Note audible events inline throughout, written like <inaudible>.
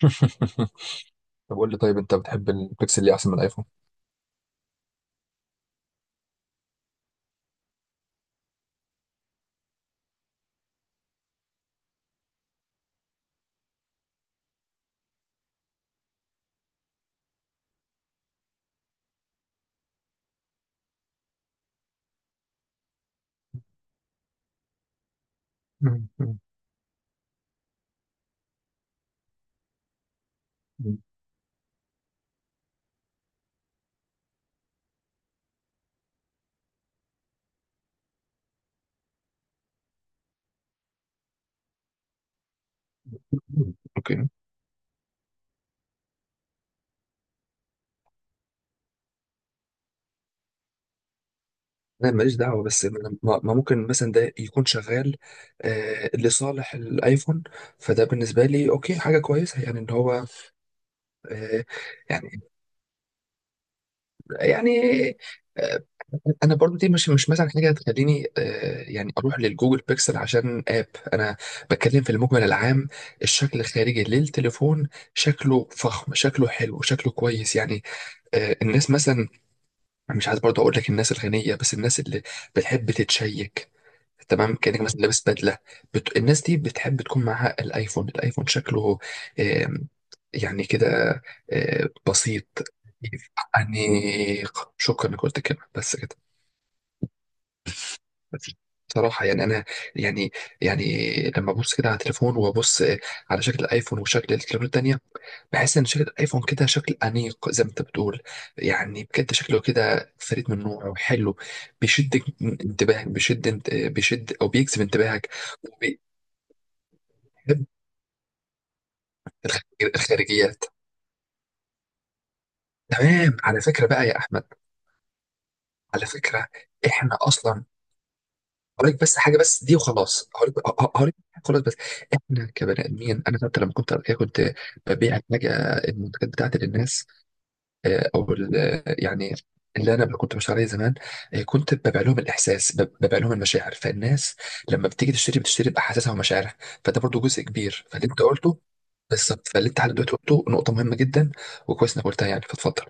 <laughs> طب، قول لي، طيب، انت بتحب البيكسل ليه احسن من الايفون؟ مم. مم. اوكي، انا ماليش دعوه بس ما ممكن مثلا ده يكون شغال آه، لصالح الايفون. فده بالنسبه لي اوكي، حاجه كويسه، يعني ان هو آه يعني يعني آه انا برضو دي مش مثلا حاجه تخليني، يعني اروح للجوجل بيكسل عشان انا بتكلم في المجمل العام. الشكل الخارجي للتليفون، شكله فخم، شكله حلو، شكله كويس يعني. الناس مثلا، مش عايز برضه اقول لك الناس الغنيه، بس الناس اللي بتحب تتشيك، تمام، كانك مثلا لابس بدله. الناس دي بتحب تكون معاها الايفون شكله آم، يعني كده بسيط، انيق. شكرا انك قلت الكلمه. بس كده. بس بصراحه يعني انا، يعني يعني لما ابص كده على التليفون وابص، على شكل الايفون وشكل التليفون التانيه، بحس ان شركه الايفون كده شكل انيق زي ما انت بتقول. يعني بجد شكله كده فريد من نوعه وحلو، بيشد انتباهك، بيشد او بيجذب انتباهك. وبيحب الخ- الخارجيات. تمام. على فكره بقى يا احمد، على فكره احنا اصلا، هقولك بس حاجه، بس دي وخلاص. هقولك هقولك حاجة خلاص بس. احنا كبني ادمين، انا حتى لما كنت قبل كده كنت ببيع حاجه، المنتجات بتاعتي للناس، آه، او ال- آه، يعني اللي انا كنت مش عليه زمان، كنت ببيع لهم الاحساس، ببيع لهم المشاعر. فالناس لما بتيجي تشتري، بتشتري باحاسيسها ومشاعرها. فده برضو جزء كبير فاللي انت قلته. بالظبط، فاللي انت حضرتك قلته نقطه مهمه جدا، وكويس انك قلتها يعني. فاتفضل.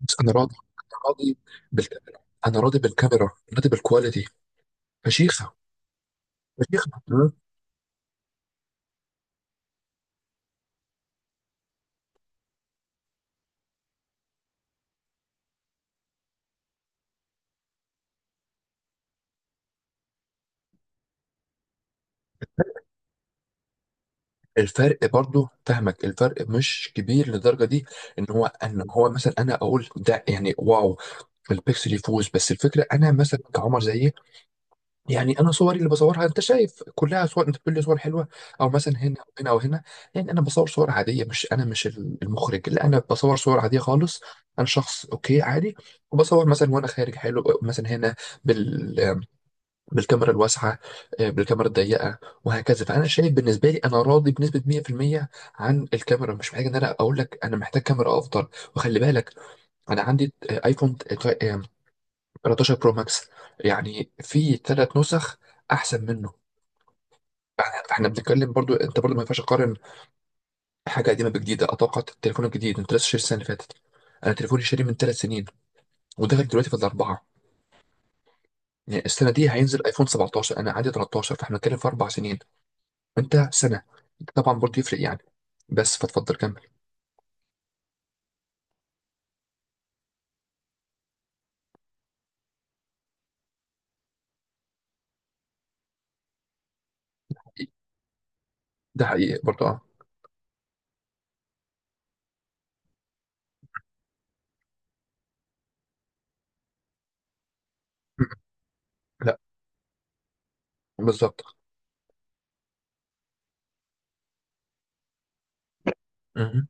بس انا راضي، انا راضي بالكاميرا. انا راضي بالكاميرا، راضي بالكواليتي فشيخه. فشيخه. الفرق، برضو فاهمك، الفرق مش كبير للدرجه دي، ان هو مثلا، انا اقول ده يعني واو، البيكسل يفوز. بس الفكره، انا مثلا كعمر زيي، يعني انا صوري اللي بصورها انت شايف كلها صور، انت بتقول لي صور حلوه، او مثلا هنا او هنا او هنا. يعني انا بصور صور عاديه، مش، انا مش المخرج، لا، انا بصور صور عاديه خالص. انا شخص اوكي عادي، وبصور مثلا وانا خارج حلو مثلا هنا، بالكاميرا الواسعه، بالكاميرا الضيقه، وهكذا. فانا شايف بالنسبه لي انا راضي بنسبه 100% عن الكاميرا، مش محتاج ان انا اقول لك انا محتاج كاميرا افضل. وخلي بالك، انا عندي ايفون 13 برو ماكس، يعني في 3 نسخ احسن منه. احنا بنتكلم، برضو انت برضو ما ينفعش تقارن حاجه قديمه بجديده. اتوقع التليفون الجديد، انت لسه شاري السنه اللي فاتت، انا تليفوني شاري من 3 سنين، وداخل دلوقتي في الاربعه. يعني السنه دي هينزل ايفون 17، انا عندي 13، فاحنا بنتكلم في 4 سنين، انت سنه، طبعا برضه يفرق يعني. بس فتفضل كمل. ده حقيقي برضه، اه. م- م. لا، بالظبط. مهم.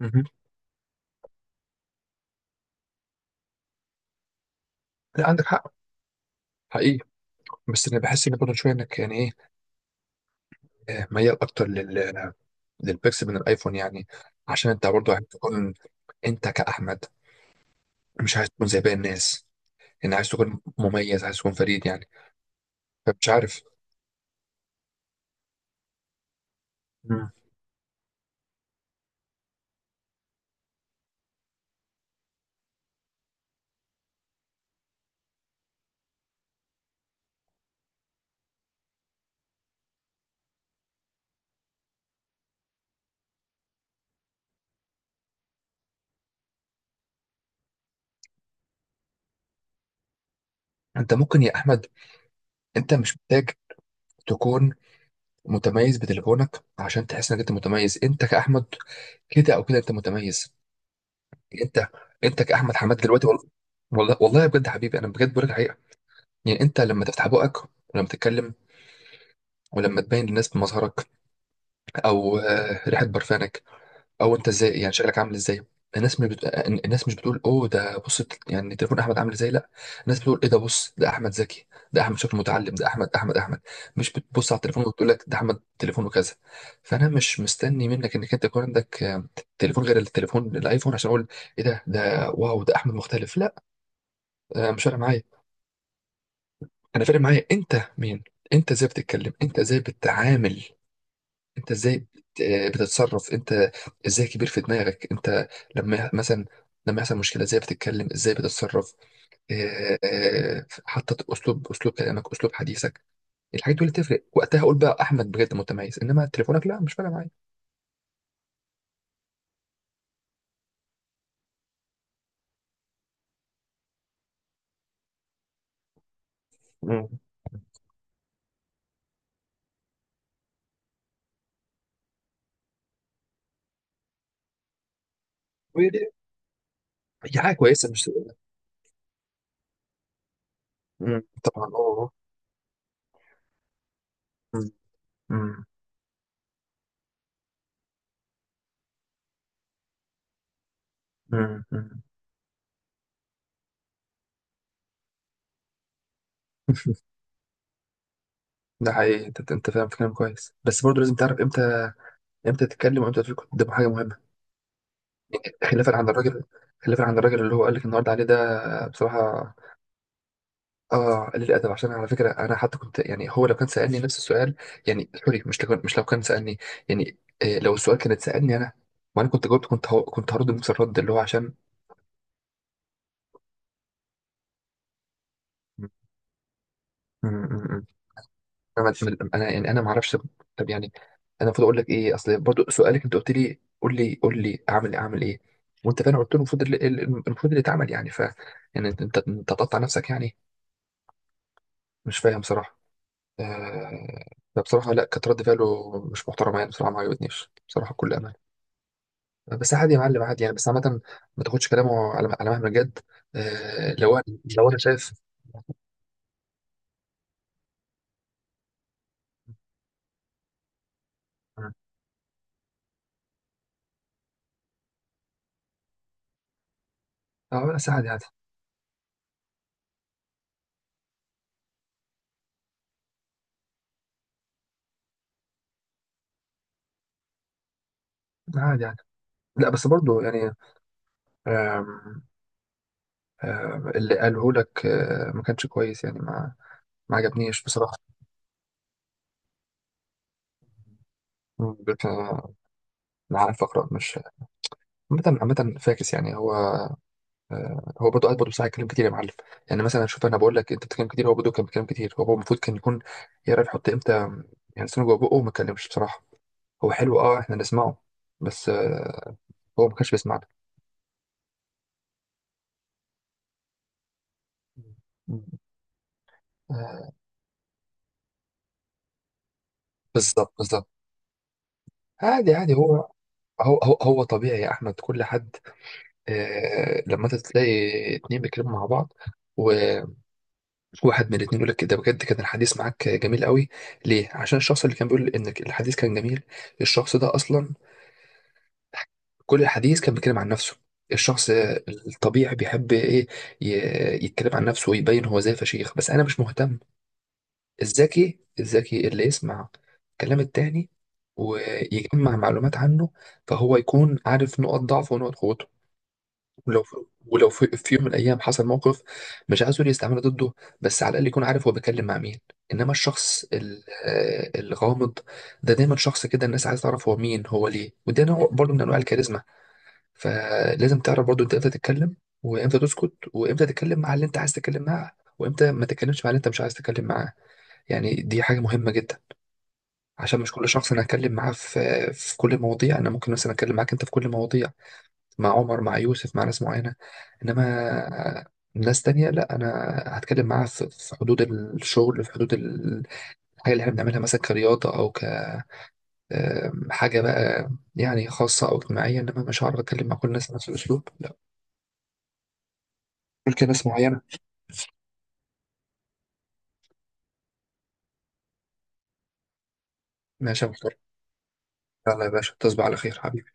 مهم. لا، عندك حق، حقيقي. بس انا بحس ان برضه شويه انك، يعني ايه، ميال اكتر للبيكسل من الايفون، يعني عشان انت برضه عايز تكون، انت كاحمد، مش عايز تكون زي باقي الناس. يعني عايز تكون مميز، عايز تكون فريد يعني. فمش عارف. مم. انت ممكن يا احمد، انت مش محتاج تكون متميز بتليفونك عشان تحس انك انت متميز. انت كاحمد، كده او كده انت متميز. انت انت كاحمد حماد دلوقتي، والله، والله والله بجد يا حبيبي، انا بجد بقول لك الحقيقه. يعني انت لما تفتح بقك، ولما تتكلم، ولما تبين للناس بمظهرك، او ريحه برفانك، او انت ازاي، يعني شكلك عامل ازاي، الناس مش بت... الناس مش بتقول اوه ده، بص يعني تليفون احمد عامل ازاي. لا، الناس بتقول ايه ده، بص ده احمد ذكي، ده احمد شكله متعلم، ده احمد احمد احمد. مش بتبص على التليفون وتقول لك ده احمد تليفونه كذا. فانا مش مستني منك انك انت يكون عندك تليفون غير التليفون الايفون عشان اقول ايه ده ده واو، ده احمد مختلف. لا، مش فارق معايا. انا فارق معايا انت مين، انت ازاي بتتكلم، انت ازاي بتتعامل، انت ازاي بتتصرف. انت ازاي كبير في دماغك انت، لما مثلا لما يحصل مشكله ازاي بتتكلم، ازاي بتتصرف. اه، حتى اسلوب كلامك، اسلوب حديثك، الحاجات دي اللي تفرق وقتها اقول بقى احمد بجد متميز. انما تليفونك لا، مش فارقه معايا. مم. وهي دي، هي حاجه كويسه، مش. مم. طبعا اه. آه. مم. مم. مم. مم. <laughs> ده حقيقي، انت فاهم في كلام كويس، بس برضه لازم تعرف امتى، امتى تتكلم، وامتى تقول قدام حاجه مهمه. خلافا عن الراجل، اللي هو قال لك النهارده عليه ده، بصراحه اه، قليل الادب. عشان على فكره انا حتى كنت، يعني هو لو كان سالني نفس السؤال، يعني سوري، مش لو كان سالني، يعني إيه، لو السؤال كانت سالني انا، وانا كنت جاوبت، كنت هرد نفس الرد اللي هو، عشان م- م- م- انا انا يعني انا ما اعرفش. طب يعني، انا المفروض اقول لك ايه، اصل برضو سؤالك، انت قلت لي قول لي قول لي اعمل إيه، اعمل ايه. وانت فاهم قلت له المفروض المفروض اللي اتعمل، يعني يعني انت انت أنت تقطع نفسك يعني. مش فاهم صراحه. آه، فبصراحة لا، كانت رد فعله مش محترمة يعني، بصراحة ما عجبتنيش، بصراحة بكل أمانة. بس عادي يا معلم، عادي يعني، بس. عامة ما تاخدش كلامه على مهما جد. لو أنا شايف. اه، لا، بس عادي عادي. عادي عادي. لا بس برضو يعني، آم، آم، اللي قاله لك ما كانش كويس يعني، ما عجبنيش بصراحة. مم، بت- آه، أنا عارف أقرأ. مش، عامة عامة فاكس يعني هو. هو برضه قاعد برضه بصراحه يتكلم كتير يا معلم. يعني مثلا شوف، انا بقول لك انت بتتكلم كتير، هو برضه كان بيتكلم كتير. هو المفروض كان يكون يعرف يحط امتى، يعني لسانه جوه بقه وما يتكلمش بصراحه. هو حلو، اه، احنا نسمعه، بس هو ما كانش بيسمعنا. مم. آه، بالظبط بالظبط. عادي عادي، هو طبيعي يا احمد. كل حد لما انت تلاقي اتنين بيتكلموا مع بعض، وواحد من الاتنين يقول لك ده بجد كان الحديث معاك جميل قوي، ليه؟ عشان الشخص اللي كان بيقول انك الحديث كان جميل، الشخص ده اصلا كل الحديث كان بيتكلم عن نفسه. الشخص الطبيعي بيحب ايه، يتكلم عن نفسه ويبين هو زي فشيخ. بس انا مش مهتم. الذكي اللي يسمع كلام التاني ويجمع معلومات عنه، فهو يكون عارف نقط ضعفه ونقط قوته. ولو في، ولو في، يوم من الايام حصل موقف، مش عايزه يستعمله ضده، بس على الاقل يكون عارف هو بيتكلم مع مين. انما الشخص الغامض، ده دايما شخص كده الناس عايز تعرف هو مين هو ليه، وده نوع برضه من انواع الكاريزما. فلازم تعرف برضو انت امتى تتكلم، وامتى تسكت، وامتى تتكلم مع اللي انت عايز تتكلم معاه، وامتى ما تتكلمش مع اللي انت مش عايز تتكلم معاه. يعني دي حاجة مهمة جدا. عشان مش كل شخص انا هتكلم معاه في كل المواضيع. انا ممكن مثلا اتكلم معاك انت في كل المواضيع، مع عمر، مع يوسف، مع ناس معينة. انما ناس تانية لا، انا هتكلم معاها في حدود الشغل، في حدود الحاجة اللي احنا بنعملها، مثلا كرياضة، او حاجة بقى يعني خاصة او اجتماعية. انما مش هعرف اتكلم مع كل الناس بنفس الاسلوب. لا. ممكن ناس معينة. ماشي يا محترم. يلا يا باشا، تصبح على خير حبيبي.